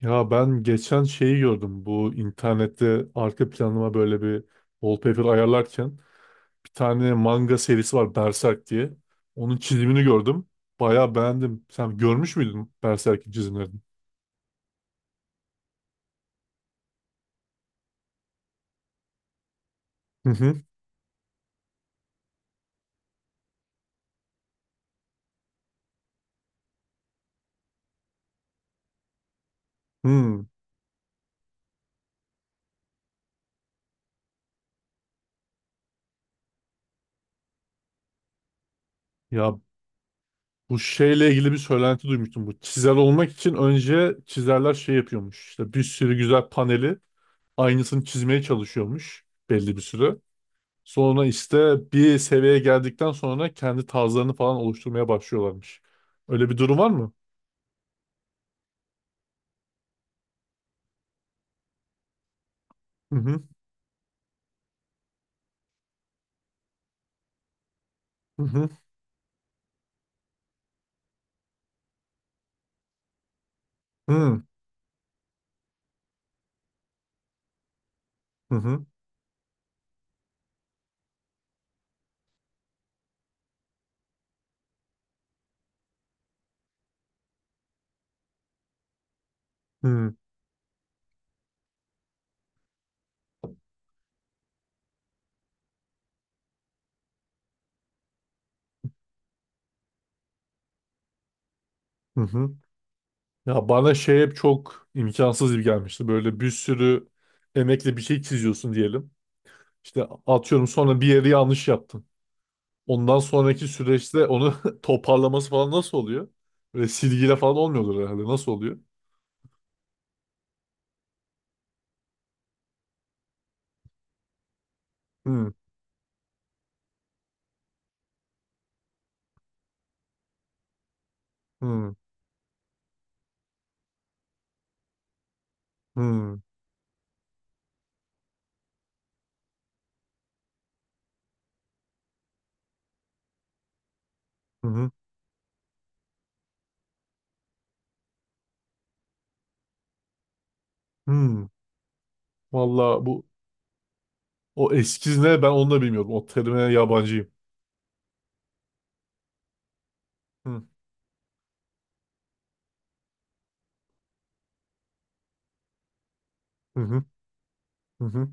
Ya ben geçen şeyi gördüm. Bu internette arka planıma böyle bir wallpaper ayarlarken bir tane manga serisi var Berserk diye. Onun çizimini gördüm. Bayağı beğendim. Sen görmüş müydün Berserk'in çizimlerini? Hı hı. Hmm. Ya bu şeyle ilgili bir söylenti duymuştum. Bu çizer olmak için önce çizerler şey yapıyormuş. İşte bir sürü güzel paneli aynısını çizmeye çalışıyormuş belli bir süre. Sonra işte bir seviyeye geldikten sonra kendi tarzlarını falan oluşturmaya başlıyorlarmış. Öyle bir durum var mı? Hı hı hı hı hı hı hı hı. Hı. Ya bana şey hep çok imkansız gibi gelmişti. Böyle bir sürü emekle bir şey çiziyorsun diyelim. İşte atıyorum sonra bir yeri yanlış yaptın. Ondan sonraki süreçte onu toparlaması falan nasıl oluyor? Böyle silgiyle falan olmuyordur herhalde. Nasıl oluyor? Hı hı hı hı hı. Valla bu. O eskiz ne ben onu da bilmiyorum. O terime yabancıyım. Hı hı hı hı. Hı.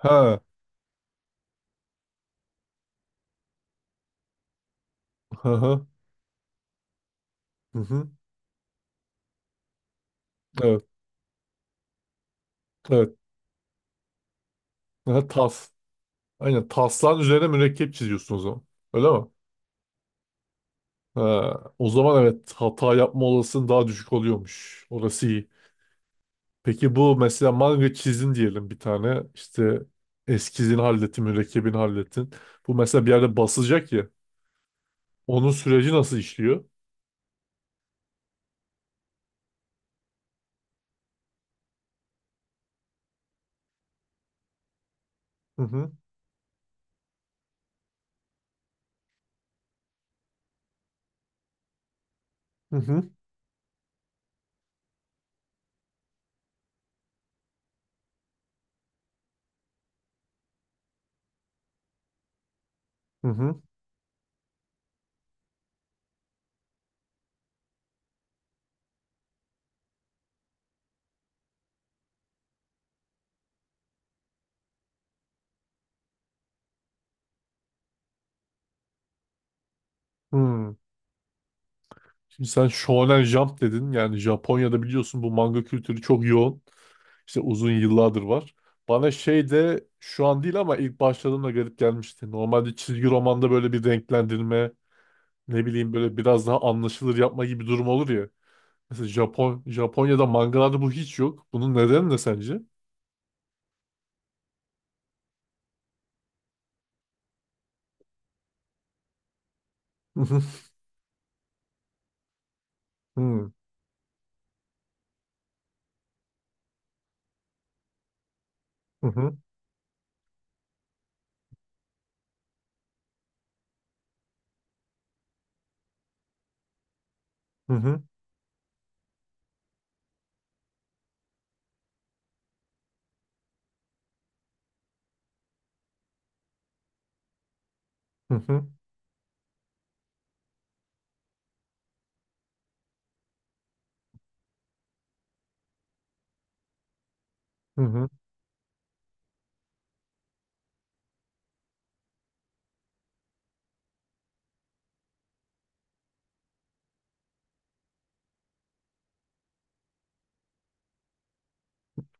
Ha. Hı hı. Hı hı. Evet. Evet. Ha. Aynen taslan üzerine mürekkep çiziyorsun o zaman. Öyle mi? Ha, o zaman evet hata yapma olasılığın daha düşük oluyormuş. Orası iyi. Peki bu mesela manga çizdin diyelim bir tane. İşte eskizini hallettin, mürekkebini hallettin. Bu mesela bir yerde basılacak ya. Onun süreci nasıl işliyor? Hı hı. Hı hı. Hı hı. Hı. Şimdi sen Shonen Jump dedin. Yani Japonya'da biliyorsun bu manga kültürü çok yoğun. İşte uzun yıllardır var. Bana şey de şu an değil ama ilk başladığımda garip gelmişti. Normalde çizgi romanda böyle bir renklendirme, ne bileyim böyle biraz daha anlaşılır yapma gibi durum olur ya. Mesela Japonya'da mangalarda bu hiç yok. Bunun nedeni ne sence? Hı hı. Hı hı. Hı hı. Hı hı. Hı hı.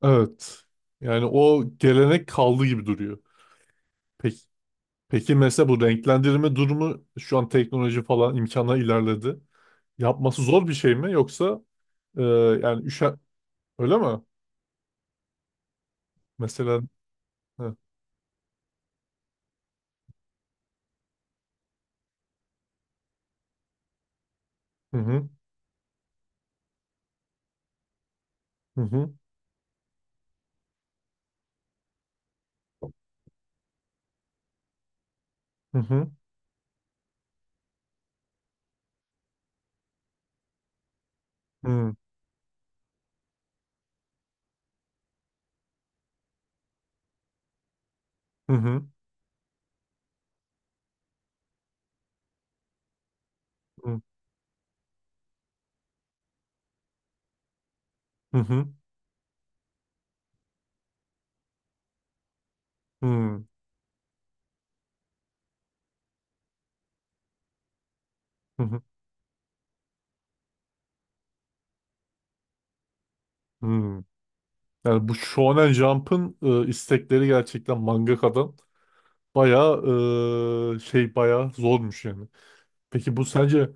Evet. Yani o gelenek kaldı gibi duruyor. Peki Peki mesela bu renklendirme durumu şu an teknoloji falan imkana ilerledi. Yapması zor bir şey mi yoksa e, yani öyle mi? Mesela hı hı hı hı hı hı hı hı hı hı hı hı hı hı. Yani bu Shonen Jump'ın istekleri gerçekten mangakadan bayağı e, şey bayağı zormuş yani. Peki bu sence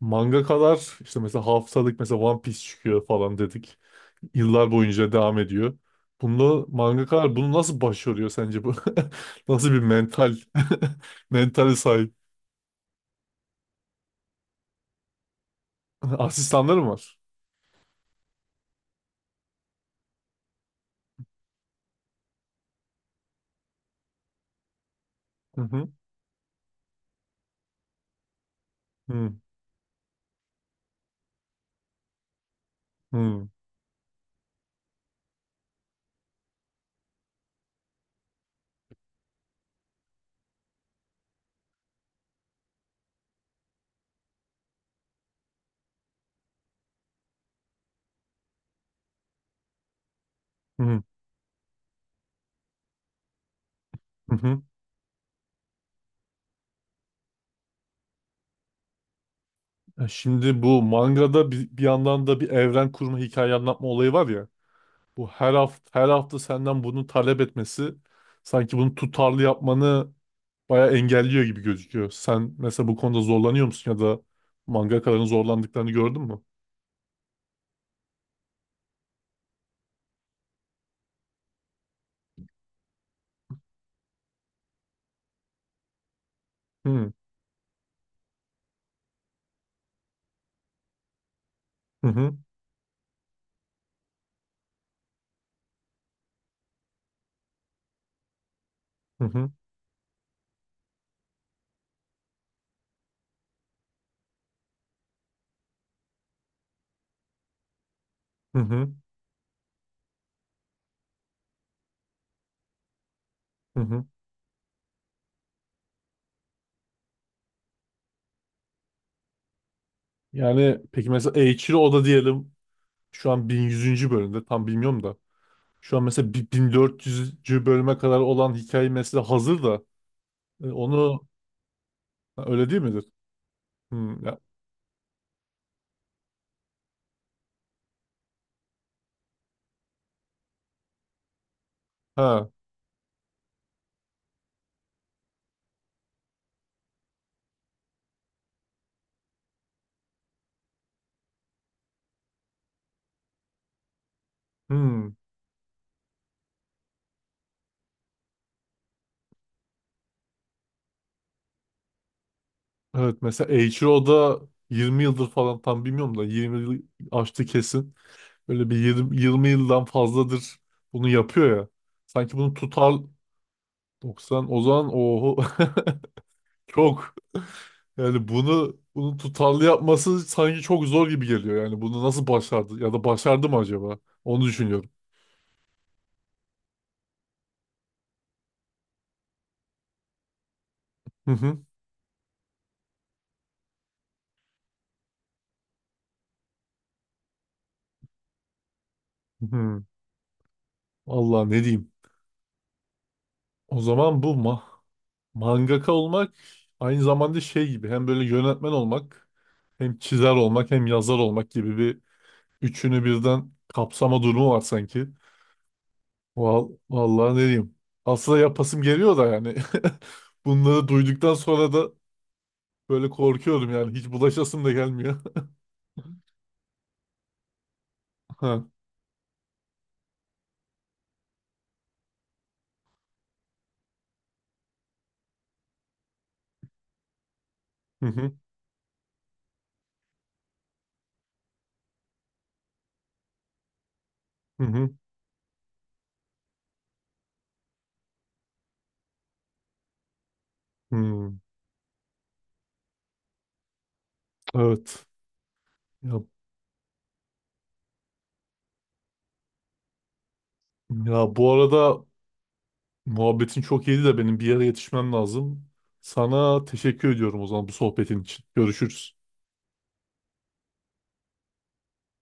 mangakalar işte mesela haftalık mesela One Piece çıkıyor falan dedik. Yıllar boyunca devam ediyor. Bunda mangakalar bunu nasıl başarıyor sence bu? Nasıl bir mentale sahip? Asistanları mı var? Hı hı. Hı hı. Hı hı. Hı. Şimdi bu mangada bir yandan da bir evren kurma, hikaye anlatma olayı var ya. Bu her hafta her hafta senden bunu talep etmesi sanki bunu tutarlı yapmanı bayağı engelliyor gibi gözüküyor. Sen mesela bu konuda zorlanıyor musun ya da mangakaların zorlandıklarını gördün mü? Hı hı hı hı. Hı. Hı hı. Hı hı. Yani peki mesela Eiichiro Oda diyelim şu an 1100. bölümde tam bilmiyorum da şu an mesela 1400. bölüme kadar olan hikaye mesela hazır da, onu, ha, öyle değil midir? Hmm, ya, ha, hmm. Evet mesela Eiichiro Oda 20 yıldır falan tam bilmiyorum da 20 yıl aştı kesin. Böyle bir 20, 20 yıldan fazladır bunu yapıyor ya. Sanki bunu tutar. 90 o zaman oho çok. Yani bunu tutarlı yapması sanki çok zor gibi geliyor. Yani bunu nasıl başardı ya da başardı mı acaba? Onu düşünüyorum. Hı hı. Hı hı. Allah ne diyeyim. O zaman bu mangaka olmak aynı zamanda şey gibi hem böyle yönetmen olmak hem çizer olmak hem yazar olmak gibi bir üçünü birden kapsama durumu var sanki. Vallahi ne diyeyim. Aslında yapasım geliyor da yani. Bunları duyduktan sonra da böyle korkuyorum yani hiç bulaşasım da gelmiyor. Hı hı, hı hı, hı. Evet. Ya, ya, bu arada muhabbetin çok iyiydi de benim bir yere yetişmem lazım. Sana teşekkür ediyorum o zaman bu sohbetin için. Görüşürüz.